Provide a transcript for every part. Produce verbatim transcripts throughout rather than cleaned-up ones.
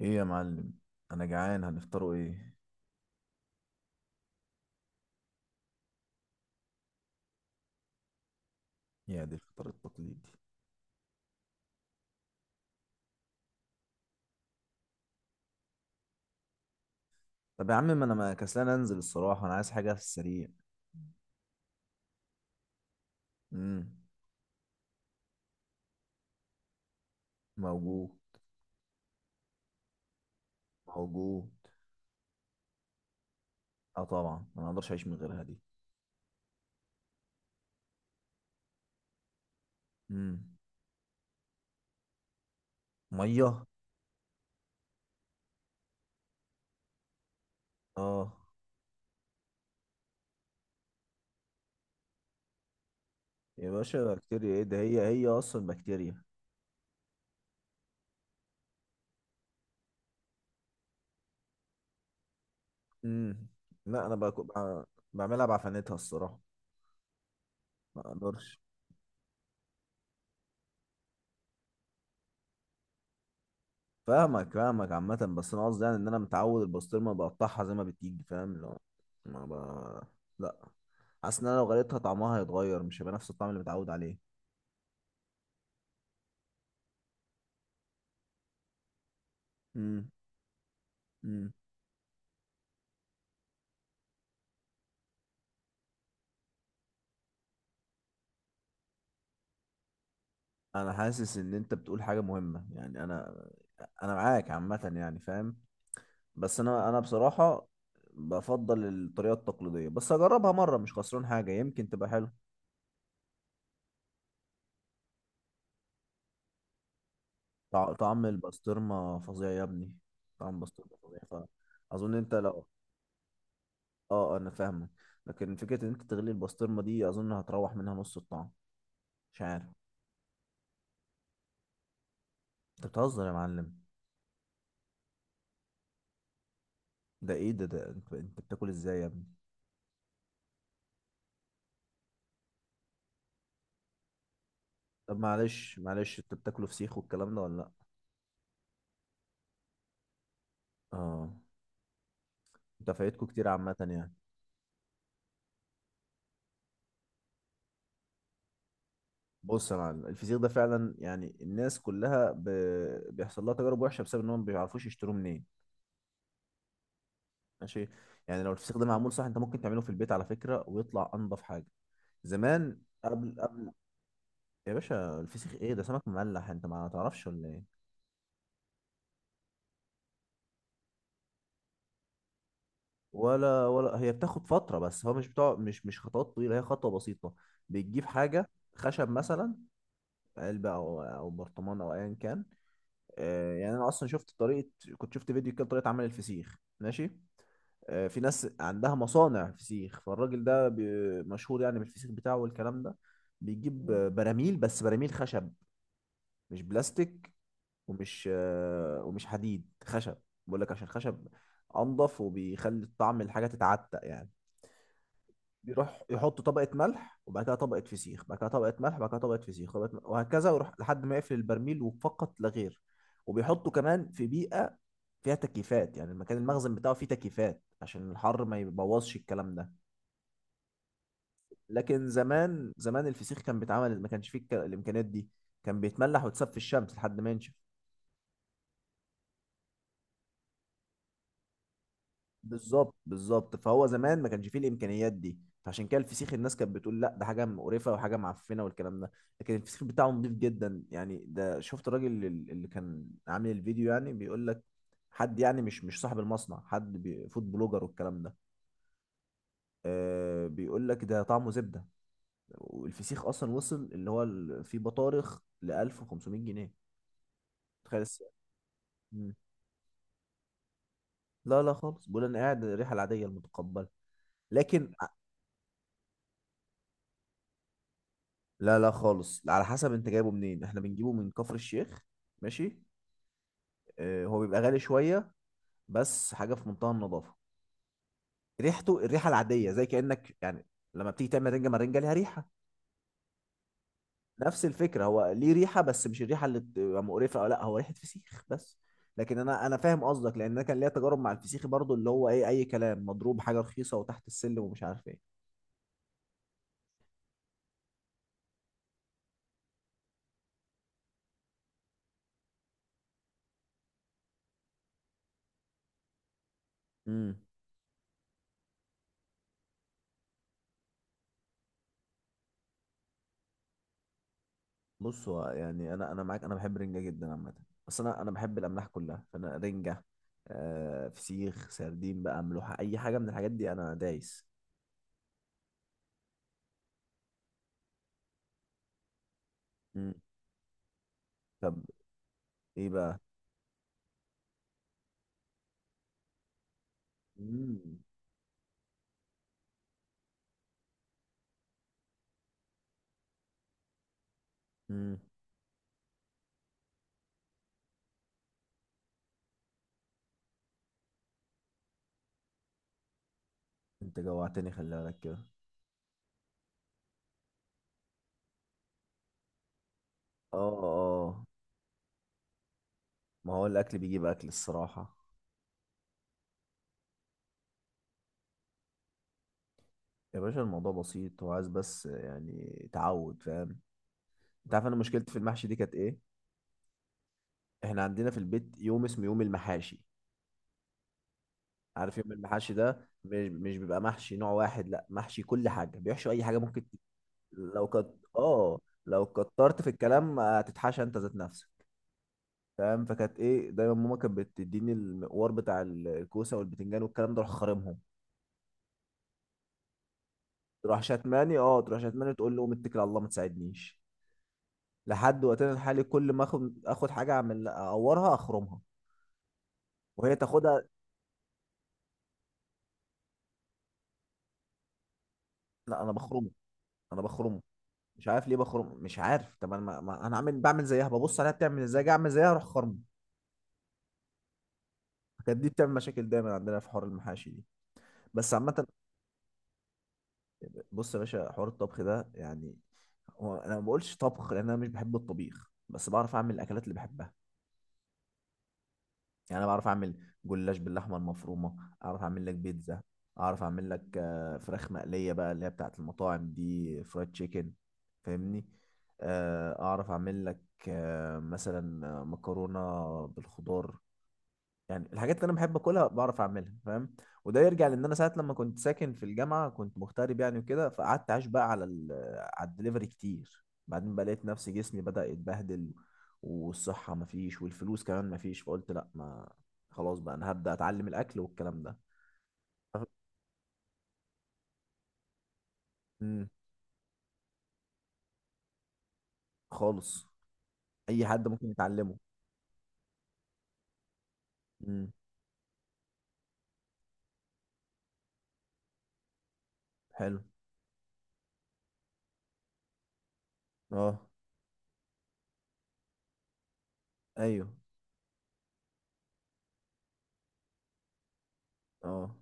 ايه يا معلم؟ انا جعان، هنفطروا ايه؟ يا دي الفطار التقليدي! طب يا عم، ما انا ما كسلان انزل الصراحه، انا عايز حاجه في السريع. امم. موجود. موجود. اه طبعا انا ما اقدرش اعيش من غيرها دي. امم. ميه. اه. يا باشا، بكتيريا ايه ده؟ هي هي اصلا بكتيريا. امم. لا، انا بك... بع- بعملها بعفنتها الصراحه. ما اقدرش. فاهمك فاهمك، عامة بس أنا قصدي يعني إن أنا متعود البسطرمة بقطعها زي ما بتيجي، فاهم اللي هو ما ب... لا. حاسس إن أنا لو غليتها طعمها هيتغير، مش هيبقى نفس الطعم اللي متعود عليه. امم. امم. أنا حاسس إن أنت بتقول حاجة مهمة، يعني أنا أنا معاك عامة يعني، فاهم. بس أنا أنا بصراحة بفضل الطريقة التقليدية، بس أجربها مرة مش خسران حاجة، يمكن تبقى حلو. طع- طعم البسطرمة فظيع يا ابني. طعم البسطرمة فظيع. فأظن أنت لو. اه، انا فاهمك. لكن فكره ان انت تغلي البسطرمه دي اظن هتروح منها نص الطعم. مش عارف. انت بتهزر يا معلم؟ ده ايه ده ده انت, انت بتاكل ازاي يا ابني؟ طب معلش معلش، انت بتاكله فسيخ والكلام ده ولا لا؟ اه. انت فايتكوا كتير عامه يعني. بص يا معلم، الفسيخ ده فعلا يعني الناس كلها ب... بيحصل لها تجارب وحشه بسبب انهم ما بيعرفوش يشتروه منين. ماشي. يعني لو الفسيخ ده معمول صح انت ممكن تعمله في البيت على فكره، ويطلع انضف حاجه. زمان. قبل قبل. يا باشا الفسيخ ايه ده؟ سمك مملح، انت ما تعرفش ولا ايه؟ ولا ولا هي بتاخد فترة، بس هو مش بتاع مش مش خطوات طويلة، هي خطوة بسيطة. بتجيب حاجة خشب مثلا، علبة أو أو برطمان أو أيا كان. آه، يعني أنا أصلا شفت طريقة، كنت شفت فيديو كده طريقة عمل الفسيخ، ماشي. آه، في ناس عندها مصانع فسيخ، فالراجل ده بي- مشهور يعني بالفسيخ بتاعه والكلام ده. بيجيب آه، براميل، بس براميل خشب، مش بلاستيك. ومش آه، ومش حديد، خشب. بقول لك عشان خشب أنضف وبيخلي الطعم الحاجة تتعتق يعني. بيروح يحط طبقة ملح وبعد كده طبقة فسيخ، بعد كده طبقة ملح، بعد كده طبقة فسيخ، طبقة ملح، وهكذا، ويروح لحد ما يقفل البرميل وفقط لا غير. وبيحطه كمان في بيئة فيها تكييفات، يعني المكان المخزن بتاعه فيه تكييفات عشان الحر ما يبوظش الكلام ده. لكن زمان زمان الفسيخ كان بيتعمل ما كانش فيه الك- الإمكانيات دي، كان بيتملح ويتساب في الشمس لحد ما ينشف. بالظبط بالظبط، فهو زمان ما كانش فيه الامكانيات دي، فعشان كده الفسيخ الناس كانت بتقول لا ده حاجه مقرفه وحاجه معفنه والكلام ده. لكن الفسيخ بتاعه نضيف جدا يعني، ده شفت الراجل ال- اللي كان عامل الفيديو، يعني بيقول لك حد يعني مش مش صاحب المصنع، حد بي- فود بلوجر والكلام ده. آه بيقول لك ده طعمه زبده. والفسيخ اصلا وصل اللي هو ال- في بطارخ ل ألف وخمسمائة جنيه، تخيل السعر. مم. لا لا خالص، بيقول انا قاعد الريحه العاديه المتقبله. لكن. لا لا خالص، على حسب انت جايبه منين، احنا بنجيبه من كفر الشيخ. ماشي. اه، هو بيبقى غالي شوية، بس حاجة في منتهى النظافة. ريحته الريحة العادية زي كأنك يعني لما بتيجي تعمل رنجة، مرنجة ليها ريحة. نفس الفكرة، هو ليه ريحة بس مش الريحة اللي بتبقى مقرفة او لا، هو ريحة فسيخ بس. لكن انا انا فاهم قصدك، لان انا كان ليا تجارب مع الفسيخ برضو، اللي هو ايه اي كلام مضروب، حاجة رخيصة وتحت السلم ومش عارف ايه. امم. بص هو يعني انا انا معاك، انا بحب رنجه جدا عامه. بس انا انا بحب الاملاح كلها، فانا رنجه، آه فسيخ، سردين بقى، ملوحه، اي حاجه من الحاجات دي انا دايس. مم. طب ايه بقى؟ مم. مم. انت جوعتني خلي بالك كده. اه، اه. ما هو الاكل بيجيب اكل الصراحه. يا باشا الموضوع بسيط، هو عايز بس يعني تعود فاهم. انت عارف انا مشكلتي في المحشي دي كانت ايه؟ احنا عندنا في البيت يوم اسمه يوم المحاشي. عارف يوم المحاشي ده؟ مش مش بيبقى محشي نوع واحد، لا، محشي كل حاجه، بيحشوا اي حاجه ممكن تت- لو كت اه لو كترت في الكلام هتتحشى انت ذات نفسك. فاهم؟ فكانت ايه دايما، ماما كانت بتديني المقوار بتاع ال- الكوسه والبتنجان والكلام ده اروح خارمهم، تروح شتماني، اه، تروح شتماني تقول له متكل على الله ما تساعدنيش. لحد وقتنا الحالي كل ما اخد، اخد حاجه اعمل، اقورها، اخرمها وهي تاخدها. لا انا بخرمه، انا بخرمه، مش عارف ليه بخرم، مش عارف. طب انا ما... ما... انا عامل بعمل زيها، ببص عليها بتعمل ازاي، اجي اعمل زيها اروح خرم. كانت دي بتعمل مشاكل دايما عندنا في حوار المحاشي دي. بس عامة، بص يا باشا، حوار الطبخ ده يعني هو انا ما بقولش طبخ لان انا مش بحب الطبيخ، بس بعرف اعمل الاكلات اللي بحبها. يعني انا بعرف اعمل جلاش باللحمه المفرومه، اعرف اعمل لك بيتزا، اعرف اعمل لك آه، فراخ مقليه بقى اللي هي بتاعت المطاعم دي، فرايد تشيكن، فاهمني. آه، اعرف اعمل لك آه، مثلا آه، مكرونه بالخضار. يعني الحاجات اللي انا بحب اكلها بعرف اعملها، فاهم؟ وده يرجع لان انا ساعه لما كنت ساكن في الجامعه كنت مغترب يعني وكده، فقعدت عايش بقى على ال على الدليفري كتير. بعدين بقى لقيت نفسي جسمي بدأ يتبهدل، والصحه مفيش والفلوس كمان مفيش، فقلت لا ما. خلاص بقى انا هبدأ اتعلم الاكل والكلام ده. امم. خالص. اي حد ممكن يتعلمه. امم. حلو. اه ايوه. اه،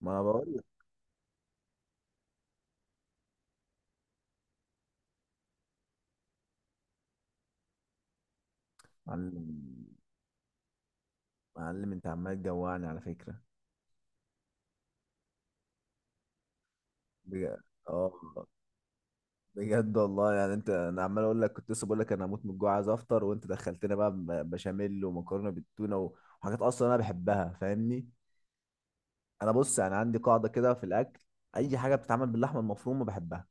ما انا بقول لك. معلم معلم، انت عمال تجوعني على فكره. بجد. اه. بجد والله يعني، انت انا عمال اقول لك كنت لسه بقول لك انا هموت من الجوع عايز افطر، وانت دخلتنا بقى ب- بشاميل ومكرونه بالتونه و- وحاجات اصلا انا بحبها، فاهمني. انا بص يعني عندي قاعده كده في الاكل، اي حاجه بتتعمل باللحمه المفرومه بحبها.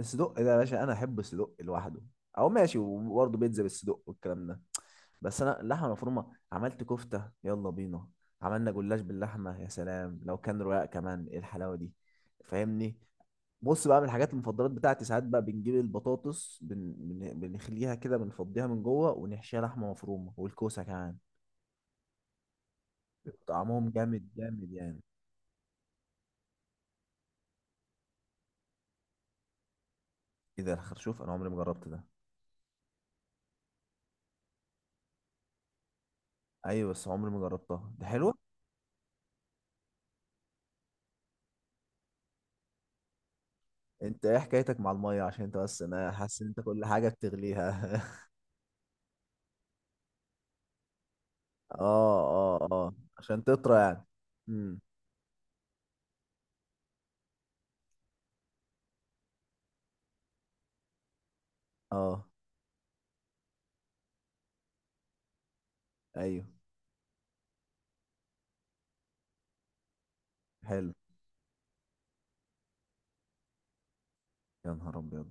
الصدق ده يا باشا، انا احب الصدق لوحده او ماشي، وبرضه بيتزا بالصدق والكلام ده. بس انا اللحمه المفرومه عملت كفته يلا بينا، عملنا جلاش باللحمه يا سلام، لو كان رقاق كمان ايه الحلاوه دي. فاهمني. بص بقى، من الحاجات المفضلات بتاعتي ساعات بقى بنجيب البطاطس، بن... بن... بنخليها كده، بنفضيها من جوه ونحشيها لحمه مفرومه، والكوسه كمان. طعمهم جامد جامد يعني. ايه ده الخرشوف؟ انا عمري ما جربت ده. ايوه بس عمري ما جربتها، ده حلوه. انت ايه حكايتك مع الميه؟ عشان انت بس، انا حاسس ان انت كل حاجه بتغليها. اه. اه اه، عشان تطرى يعني. امم. اه ايوه. حلو. يا نهار ابيض!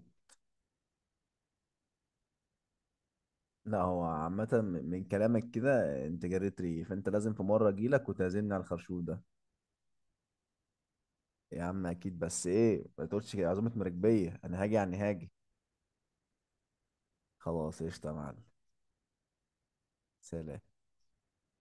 لا هو عامة من كلامك كده انت جريت ريقي، فانت لازم في مرة اجيلك وتعزمني على الخرشوف ده. يا عم اكيد، بس ايه ما تقولش كده عزومه مراكبيه، انا هاجي يعني هاجي. خلاص قشطه يا معلم. سلام.